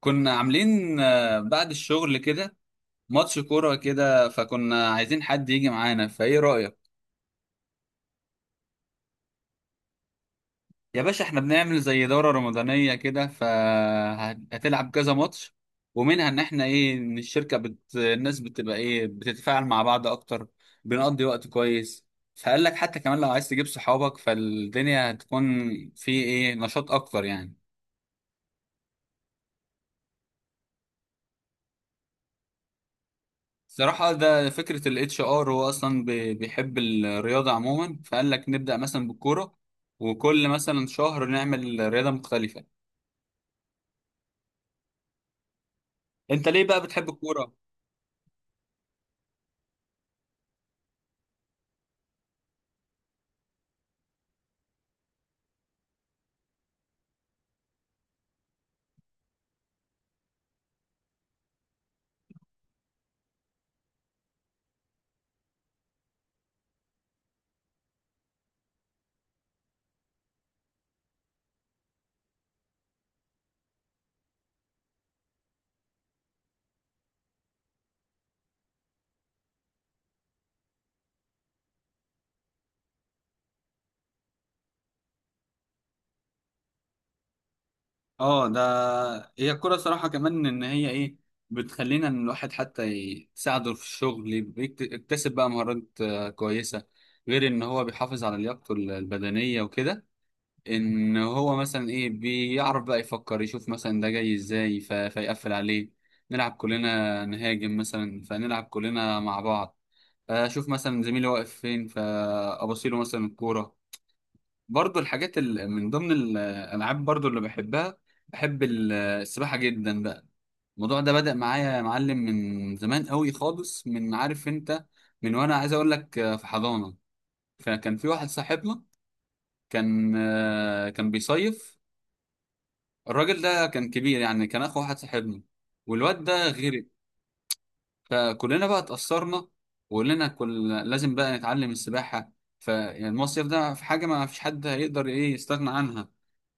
كنا عاملين بعد الشغل كده ماتش كورة كده، فكنا عايزين حد يجي معانا، فايه رأيك؟ يا باشا احنا بنعمل زي دورة رمضانية كده، فهتلعب كذا ماتش. ومنها ان احنا ايه، ان الناس بتبقى ايه، بتتفاعل مع بعض اكتر، بنقضي وقت كويس. فقال لك حتى كمان لو عايز تجيب صحابك، فالدنيا هتكون في ايه، نشاط اكتر يعني. صراحة ده فكرة ال HR، هو أصلا بيحب الرياضة عموما، فقال لك نبدأ مثلا بالكورة، وكل مثلا شهر نعمل رياضة مختلفة. أنت ليه بقى بتحب الكورة؟ اه ده، هي الكورة صراحة كمان إن هي إيه، بتخلينا إن الواحد حتى تساعده في الشغل، يكتسب بقى مهارات كويسة، غير إن هو بيحافظ على لياقته البدنية وكده. ان هو مثلا ايه، بيعرف بقى يفكر، يشوف مثلا ده جاي ازاي فيقفل عليه. نلعب كلنا نهاجم مثلا، فنلعب كلنا مع بعض، اشوف مثلا زميلي واقف فين فابصيله مثلا الكوره. برضو الحاجات من ضمن الالعاب برضو اللي بحبها، بحب السباحه جدا بقى. الموضوع ده بدأ معايا يا معلم من زمان قوي خالص، من عارف انت، من وانا عايز اقول لك في حضانة. فكان في واحد صاحبنا كان بيصيف، الراجل ده كان كبير يعني، كان اخو واحد صاحبنا، والواد ده غرق. فكلنا بقى اتأثرنا، وقلنا كل لازم بقى نتعلم السباحة. فالمصيف ده في حاجة ما فيش حد هيقدر ايه يستغنى عنها،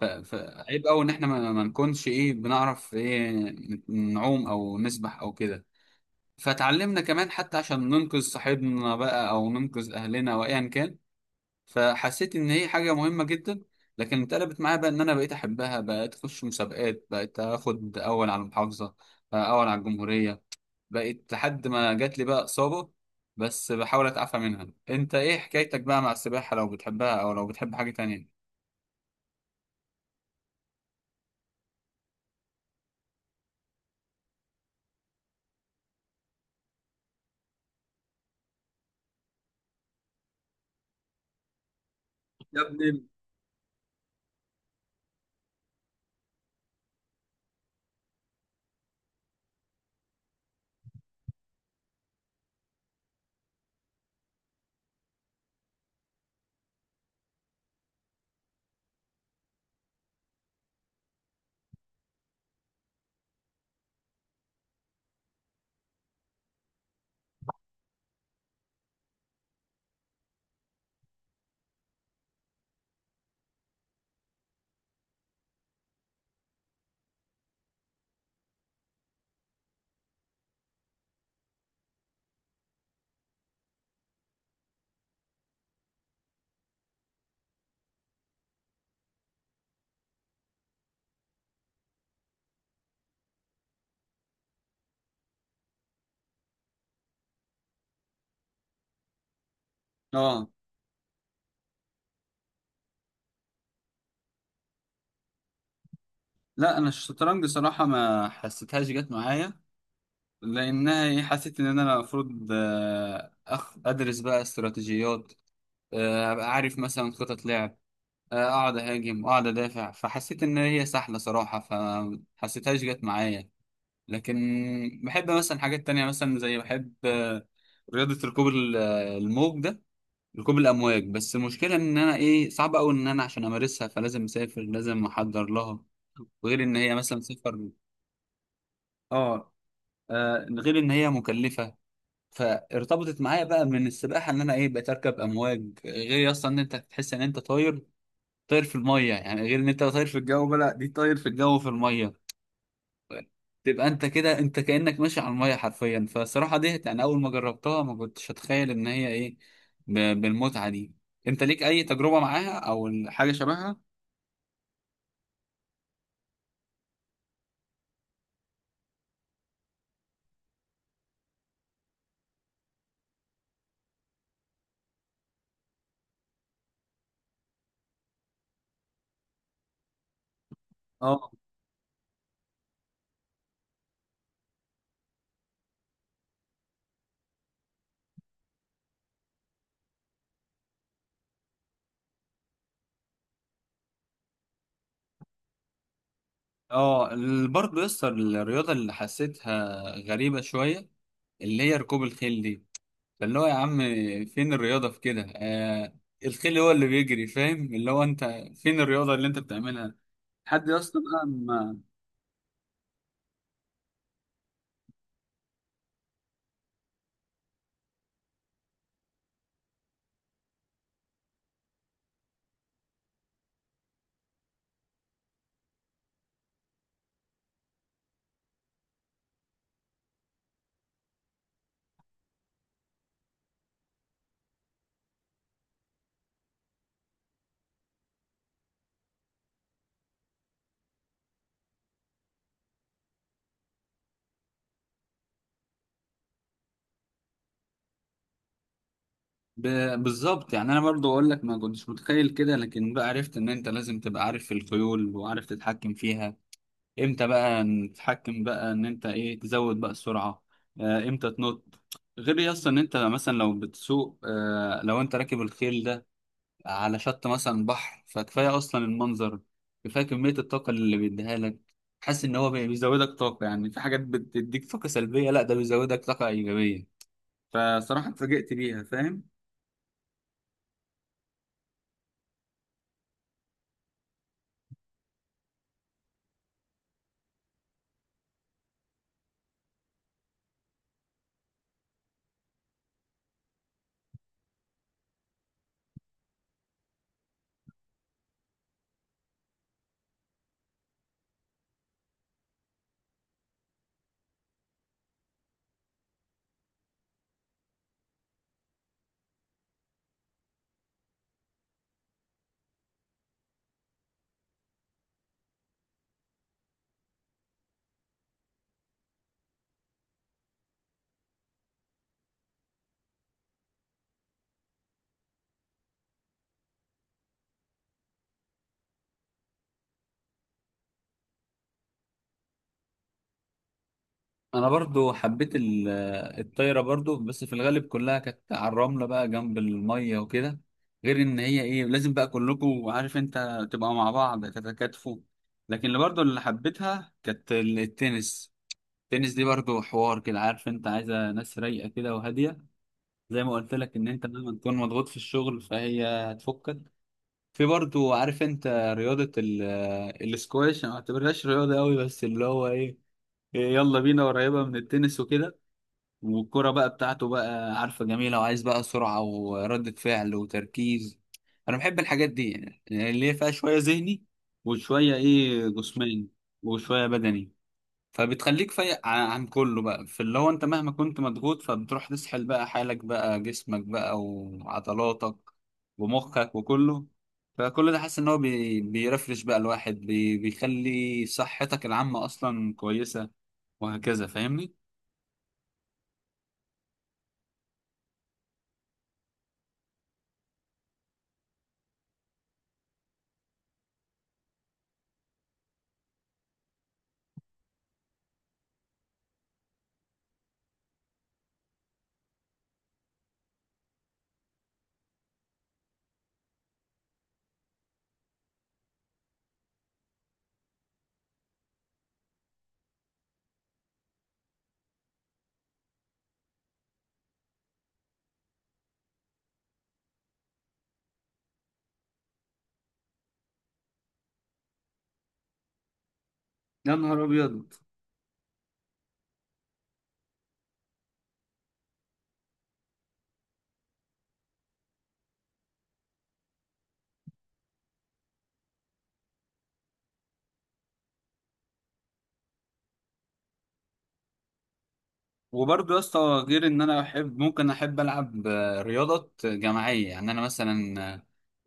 فعيب قوي ان احنا ما نكونش ايه، بنعرف ايه، نعوم او نسبح او كده. فتعلمنا كمان حتى عشان ننقذ صاحبنا بقى، او ننقذ اهلنا وايا كان. فحسيت ان هي حاجه مهمه جدا. لكن اتقلبت معايا بقى، ان انا بقيت احبها، بقيت اخش مسابقات، بقيت اخد اول على المحافظه، اول على الجمهوريه، بقيت لحد ما جات لي بقى اصابه. بس بحاول اتعافى منها. انت ايه حكايتك بقى مع السباحه، لو بتحبها او لو بتحب حاجه تانية؟ يا ابني. اه. لا انا الشطرنج صراحه ما حسيتهاش جت معايا، لانها إيه، حسيت ان انا المفروض ادرس بقى استراتيجيات، ابقى عارف مثلا خطط لعب، اقعد اهاجم واقعد ادافع، فحسيت ان هي سهله صراحه، فحسيتهاش جت معايا. لكن بحب مثلا حاجات تانية، مثلا زي بحب رياضه ركوب الموج ده، ركوب الامواج. بس المشكله ان انا ايه، صعب قوي ان انا عشان امارسها فلازم اسافر، لازم احضر لها، وغير ان هي مثلا سفر. اه. غير ان هي مكلفه. فارتبطت معايا بقى من السباحه، ان انا ايه، بقيت اركب امواج. غير اصلا ان انت تحس ان انت طاير، طاير في الميه يعني، غير ان انت طاير في الجو بقى، لا دي طاير في الجو في الميه، تبقى انت كده انت كانك ماشي على الميه حرفيا. فالصراحه دي يعني اول ما جربتها ما كنتش اتخيل ان هي ايه، بالمتعه دي. انت ليك اي تجربه معاها او حاجه شبهها؟ اه اه، برضه يسطا الرياضه اللي حسيتها غريبه شويه، اللي هي ركوب الخيل دي. فاللي هو يا عم، فين الرياضه في كده؟ الخيل هو اللي بيجري فاهم، اللي هو انت فين الرياضه اللي انت بتعملها؟ لحد يا اسطى. بقى، ب... بالظبط يعني انا برضو اقول لك ما كنتش متخيل كده، لكن بقى عرفت ان انت لازم تبقى عارف الخيول، وعارف تتحكم فيها امتى بقى، تتحكم بقى ان انت ايه، تزود بقى السرعة، امتى تنط. غير يا اسطى ان انت مثلا لو بتسوق، لو انت راكب الخيل ده على شط مثلا بحر، فكفاية اصلا المنظر، كفاية كمية الطاقة اللي بيديها لك. حاسس ان هو بيزودك طاقة، يعني في حاجات بتديك طاقة سلبية، لا ده بيزودك طاقة ايجابية. فصراحة اتفاجئت بيها فاهم. انا برضو حبيت الطايره برضو، بس في الغالب كلها كانت على الرمله بقى جنب الميه وكده، غير ان هي ايه، لازم بقى كلكم عارف انت تبقى مع بعض تتكاتفوا. لكن اللي برضو اللي حبيتها كانت التنس. التنس دي برضو حوار كده، عارف انت عايزه ناس رايقه كده وهاديه، زي ما قلت لك ان انت لما تكون مضغوط في الشغل فهي هتفكك. في برضو عارف انت، رياضه الاسكواش، انا ما اعتبرهاش رياضه قوي، بس اللي هو ايه، يلا بينا، قريبه من التنس وكده، والكرة بقى بتاعته بقى عارفة جميلة، وعايز بقى سرعة وردة فعل وتركيز. أنا بحب الحاجات دي يعني اللي هي فيها شوية ذهني، وشوية إيه، جسماني وشوية بدني. فبتخليك فايق عن كله بقى، في اللي هو أنت مهما كنت مضغوط فبتروح تسحل بقى حالك بقى، جسمك بقى وعضلاتك ومخك وكله. فكل ده حاسس إن هو بيرفرش بقى الواحد، بيخلي صحتك العامة أصلا كويسة وهكذا، فاهمني؟ يا نهار أبيض. وبرضه يا اسطى، غير ان انا احب، ممكن احب العب رياضات جماعيه، يعني انا مثلا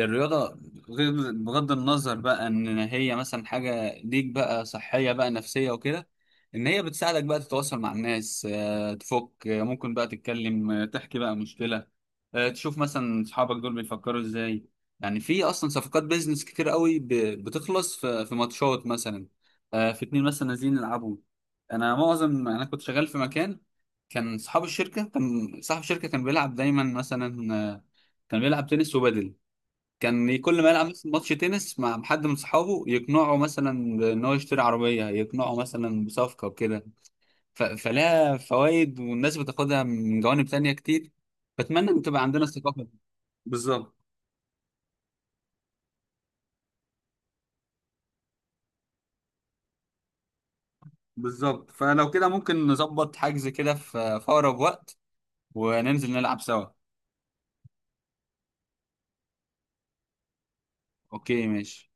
الرياضه، غير بغض النظر بقى ان هي مثلا حاجه ليك بقى صحيه بقى نفسيه وكده، ان هي بتساعدك بقى تتواصل مع الناس، تفك، ممكن بقى تتكلم، تحكي بقى مشكله، تشوف مثلا اصحابك دول بيفكروا ازاي. يعني في اصلا صفقات بيزنس كتير قوي، بتخلص في ماتشات مثلا، في اتنين مثلا نازلين يلعبوا. انا كنت شغال في مكان، كان صاحب الشركة كان بيلعب دايما مثلا، كان بيلعب تنس وبادل. كان كل ما يلعب مثلا ماتش تنس مع حد من صحابه، يقنعه مثلا بان هو يشتري عربية، يقنعه مثلا بصفقة وكده. فلها فوائد، والناس بتاخدها من جوانب تانية كتير. بتمنى ان تبقى عندنا الثقافة دي. بالظبط. بالظبط، فلو كده ممكن نظبط حجز كده في أقرب وقت، وننزل نلعب سوا. اوكي ماشي.